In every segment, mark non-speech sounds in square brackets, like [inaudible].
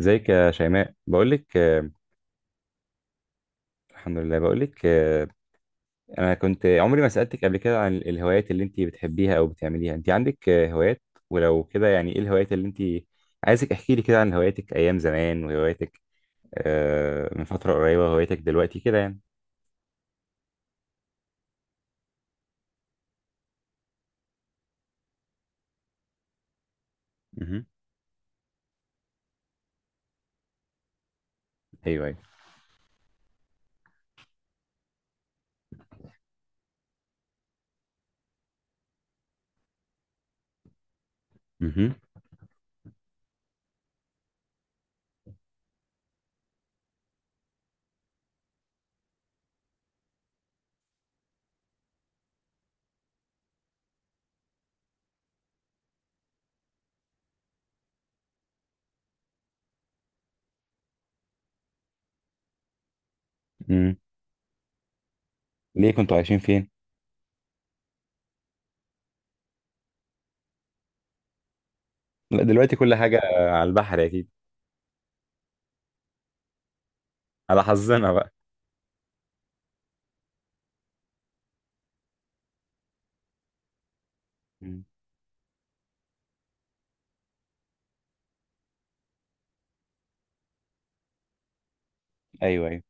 ازيك يا شيماء؟ بقول لك. الحمد لله، بقول لك. انا كنت عمري ما سألتك قبل كده عن الهوايات اللي انت بتحبيها او بتعمليها. انت عندك هوايات ولو كده؟ يعني ايه الهوايات اللي انت... عايزك احكي لي كده عن هواياتك ايام زمان، وهواياتك من فترة قريبة، وهواياتك دلوقتي كده يعني. مهم. ايوه ايوه. مهم. مم. ليه كنتوا عايشين فين؟ لا، دلوقتي كل حاجة على البحر اكيد. على حظنا بقى. مم. ايوه ايوه.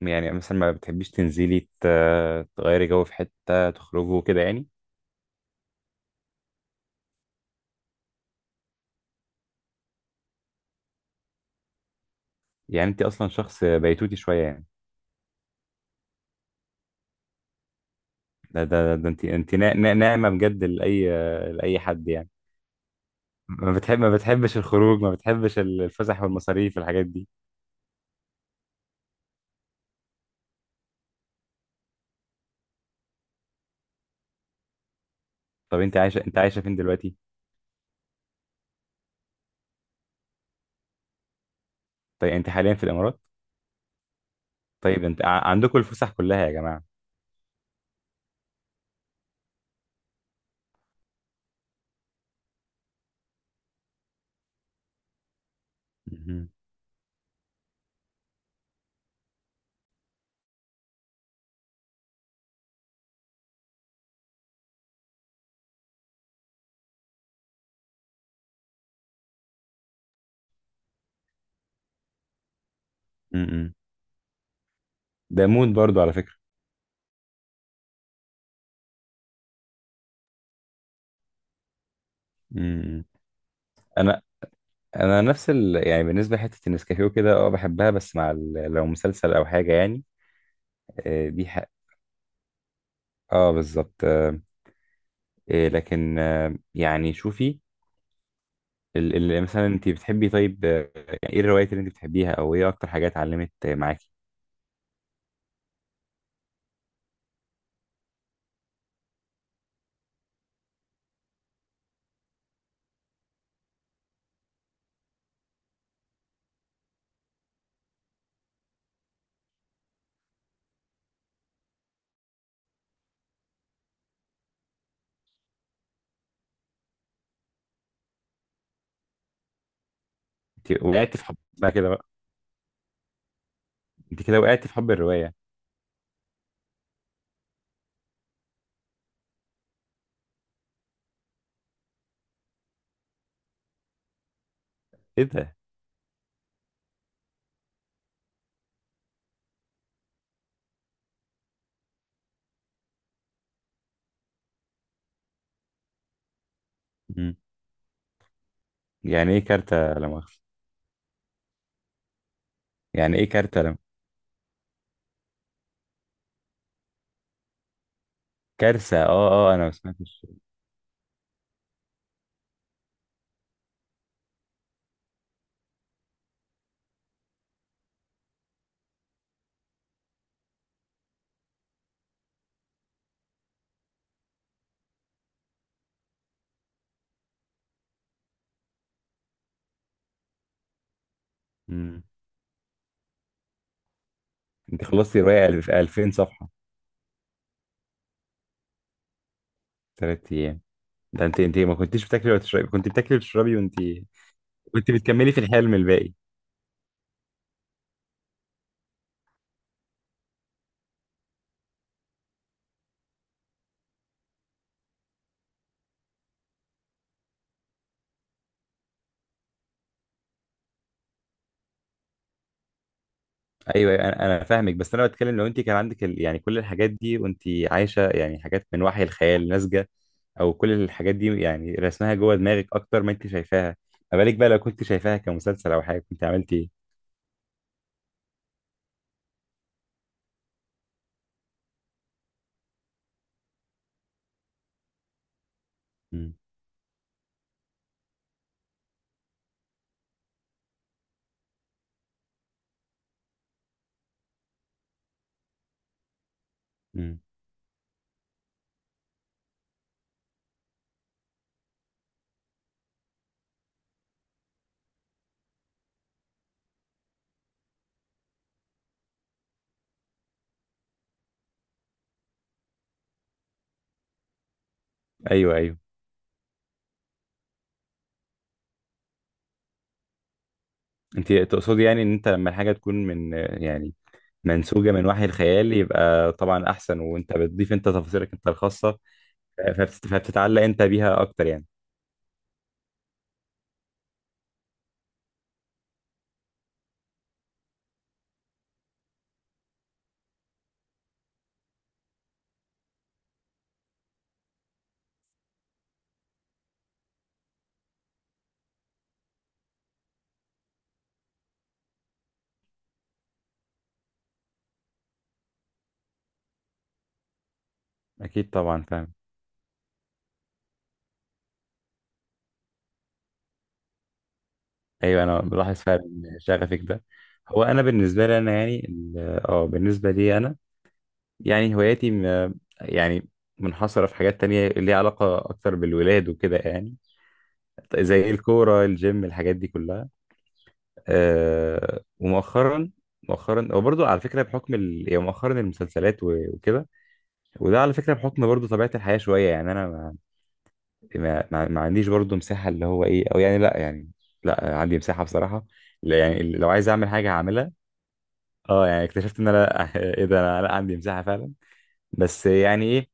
يعني مثلا ما بتحبيش تنزلي تغيري جو في حتة، تخرجوا كده يعني؟ يعني انت اصلا شخص بيتوتي شويه يعني. ده انت ناعمه بجد لاي... لاي حد يعني. ما بتحبش الخروج، ما بتحبش الفسح والمصاريف والحاجات دي؟ طب انت عايشه فين دلوقتي؟ طيب انت حاليا في الامارات؟ طيب عندكم الفسح كلها يا جماعه. مهم. مم. ده مود برضو على فكره. مم. انا انا نفس يعني بالنسبه لحته النسكافيه وكده اه بحبها، بس مع لو مسلسل او حاجه يعني. دي حق. اه بالظبط. لكن يعني شوفي. ال يعني مثلا انت بتحبي طيب. ايه الروايات اللي انت بتحبيها او ايه اكتر حاجات علمت معاكي؟ انت وقعتي في حب بقى كده بقى؟ انت كده وقعتي في حب الرواية. ايه ده؟ مم. يعني ايه كارتة، لا مؤاخذة؟ يعني ايه كارتة لم... كارثة؟ اه اه، انا ما سمعتش. مم. انت خلصتي رواية في 2000 صفحة؟ ثلاث ايام. ده انت ما كنتيش بتاكلي وتشربي؟ كنت بتاكلي وتشربي وانت كنت بتكملي في الحلم الباقي؟ ايوه أيوة، انا فاهمك، بس انا بتكلم لو انت كان عندك يعني كل الحاجات دي، وانت عايشه يعني حاجات من وحي الخيال ناتجه، او كل الحاجات دي يعني رسمها جوه دماغك اكتر ما انت شايفاها. ما بالك بقى لو كنت شايفاها كمسلسل او حاجه، كنت عملتي ايه؟ مم، مم. ايوه ايوه. انت تقصدي يعني ان انت لما الحاجه تكون من... يعني منسوجه من وحي الخيال يبقى طبعا احسن، وانت بتضيف انت تفاصيلك انت الخاصه، فبتتعلق انت بيها اكتر يعني. اكيد طبعا، فاهم. ايوه، انا بلاحظ فعلا شغفك ده. هو انا بالنسبه لي انا يعني اه بالنسبه لي انا يعني يعني منحصره في حاجات تانية ليها علاقه اكتر بالولاد وكده يعني. زي الكوره، الجيم، الحاجات دي كلها. ومؤخرا، مؤخرا وبرضه على فكره بحكم يعني مؤخرا المسلسلات وكده. وده على فكره بحكم برضه طبيعه الحياه شويه، يعني انا ما... ما عنديش برضه مساحه اللي هو ايه، او يعني لا، يعني لا، عندي مساحه بصراحه، لا يعني لو عايز اعمل حاجه هعملها. اه يعني اكتشفت ان انا [laughs] لا، ايه ده، انا لا، عندي مساحه فعلا. بس يعني ايه.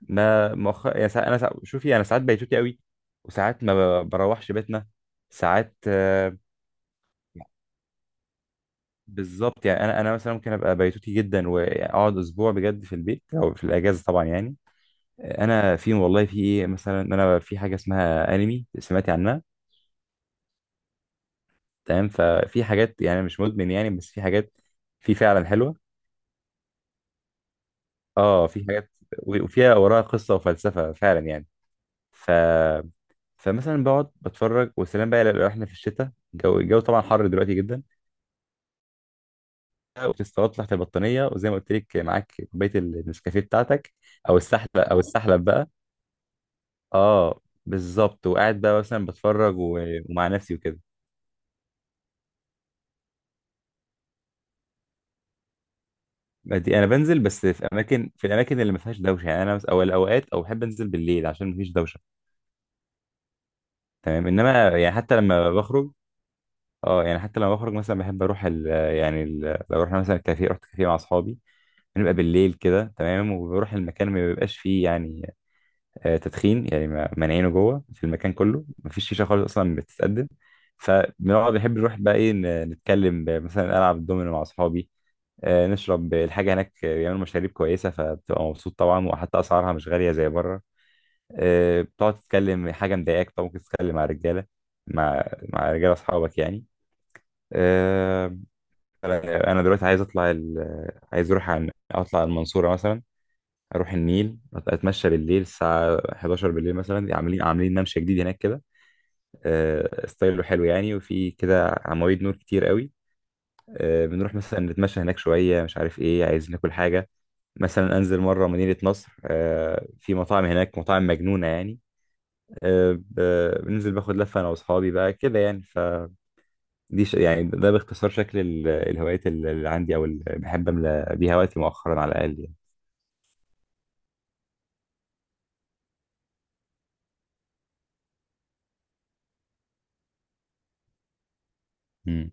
ما مؤخر يعني ساعات انا ساعات، شوفي انا ساعات بيتوتي قوي، وساعات ما ب- بروحش بيتنا. ساعات. بالظبط، يعني انا مثلا ممكن ابقى بيتوتي جدا، واقعد اسبوع بجد في البيت او في الاجازه طبعا يعني. انا في والله في ايه مثلا، إن انا في حاجه اسمها انمي، سمعتي عنها؟ تمام، ففي حاجات يعني مش مدمن يعني، بس في حاجات في فعلا حلوه. اه في حاجات وفيها وراها قصه وفلسفه فعلا يعني. ف فمثلا بقعد بتفرج وسلام بقى. لو احنا في الشتاء، الجو طبعا حر دلوقتي جدا، وتستغطى تحت البطانيه وزي ما قلت لك معاك كوبايه النسكافيه بتاعتك، او السحلب بقى. اه بالظبط، وقاعد بقى مثلا بتفرج ومع نفسي وكده. دي انا بنزل بس في اماكن في الاماكن اللي ما فيهاش دوشه، يعني انا او الاوقات، او بحب انزل بالليل عشان ما فيش دوشه. تمام، انما يعني حتى لما بخرج. اه يعني حتى لما بخرج مثلا بحب اروح يعني لو رحنا مثلا كافيه، رحت كافيه مع اصحابي، بنبقى بالليل كده تمام، وبروح المكان ما بيبقاش فيه يعني تدخين، يعني مانعينه جوه في المكان كله، ما فيش شيشه خالص اصلا بتتقدم. فبنقعد بنحب نروح بقى ايه، نتكلم، مثلا العب الدومينو مع اصحابي، نشرب الحاجه هناك، بيعملوا مشاريب كويسه فبتبقى مبسوط طبعا، وحتى اسعارها مش غاليه زي بره. بتقعد تتكلم حاجه مضايقاك، طب ممكن تتكلم مع رجاله، مع مع رجاله اصحابك يعني. آه، انا دلوقتي عايز اطلع عايز اطلع المنصوره مثلا، اروح النيل اتمشى بالليل الساعه 11 بالليل مثلا، عاملين ممشى جديد هناك كده. ستايله حلو يعني، وفي كده عواميد نور كتير قوي. بنروح مثلا نتمشى هناك شويه، مش عارف ايه، عايز ناكل حاجه مثلا، انزل مره مدينه نصر، في مطاعم هناك مطاعم مجنونه يعني. بننزل باخد لفه انا واصحابي بقى كده يعني. فدي يعني ده باختصار شكل الهوايات اللي عندي، او اللي بحب املى بيها وقتي مؤخرا على الاقل يعني.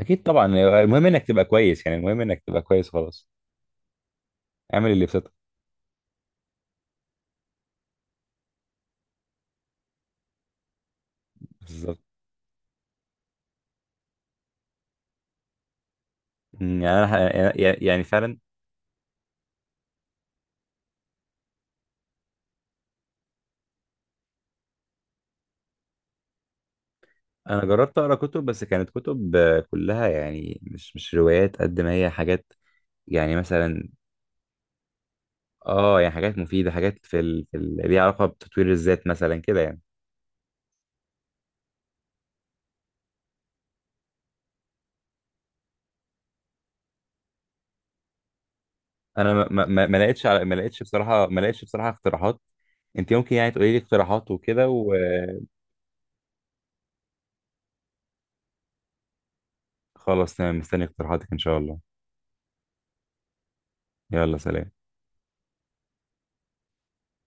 اكيد طبعا. المهم انك تبقى كويس، يعني المهم انك تبقى كويس خلاص. اعمل اللي بسطك. بالظبط. يعني انا يعني فعلا. انا جربت اقرا كتب، بس كانت كتب كلها يعني مش روايات، قد ما هي حاجات يعني مثلا، اه يعني حاجات مفيده، حاجات في ليها علاقه بتطوير الذات مثلا كده يعني. انا ما لقيتش ما لقيتش بصراحه اقتراحات. انت ممكن يعني تقولي لي اقتراحات وكده؟ وخلاص تمام، مستني اقتراحاتك ان شاء الله. يلا سلام.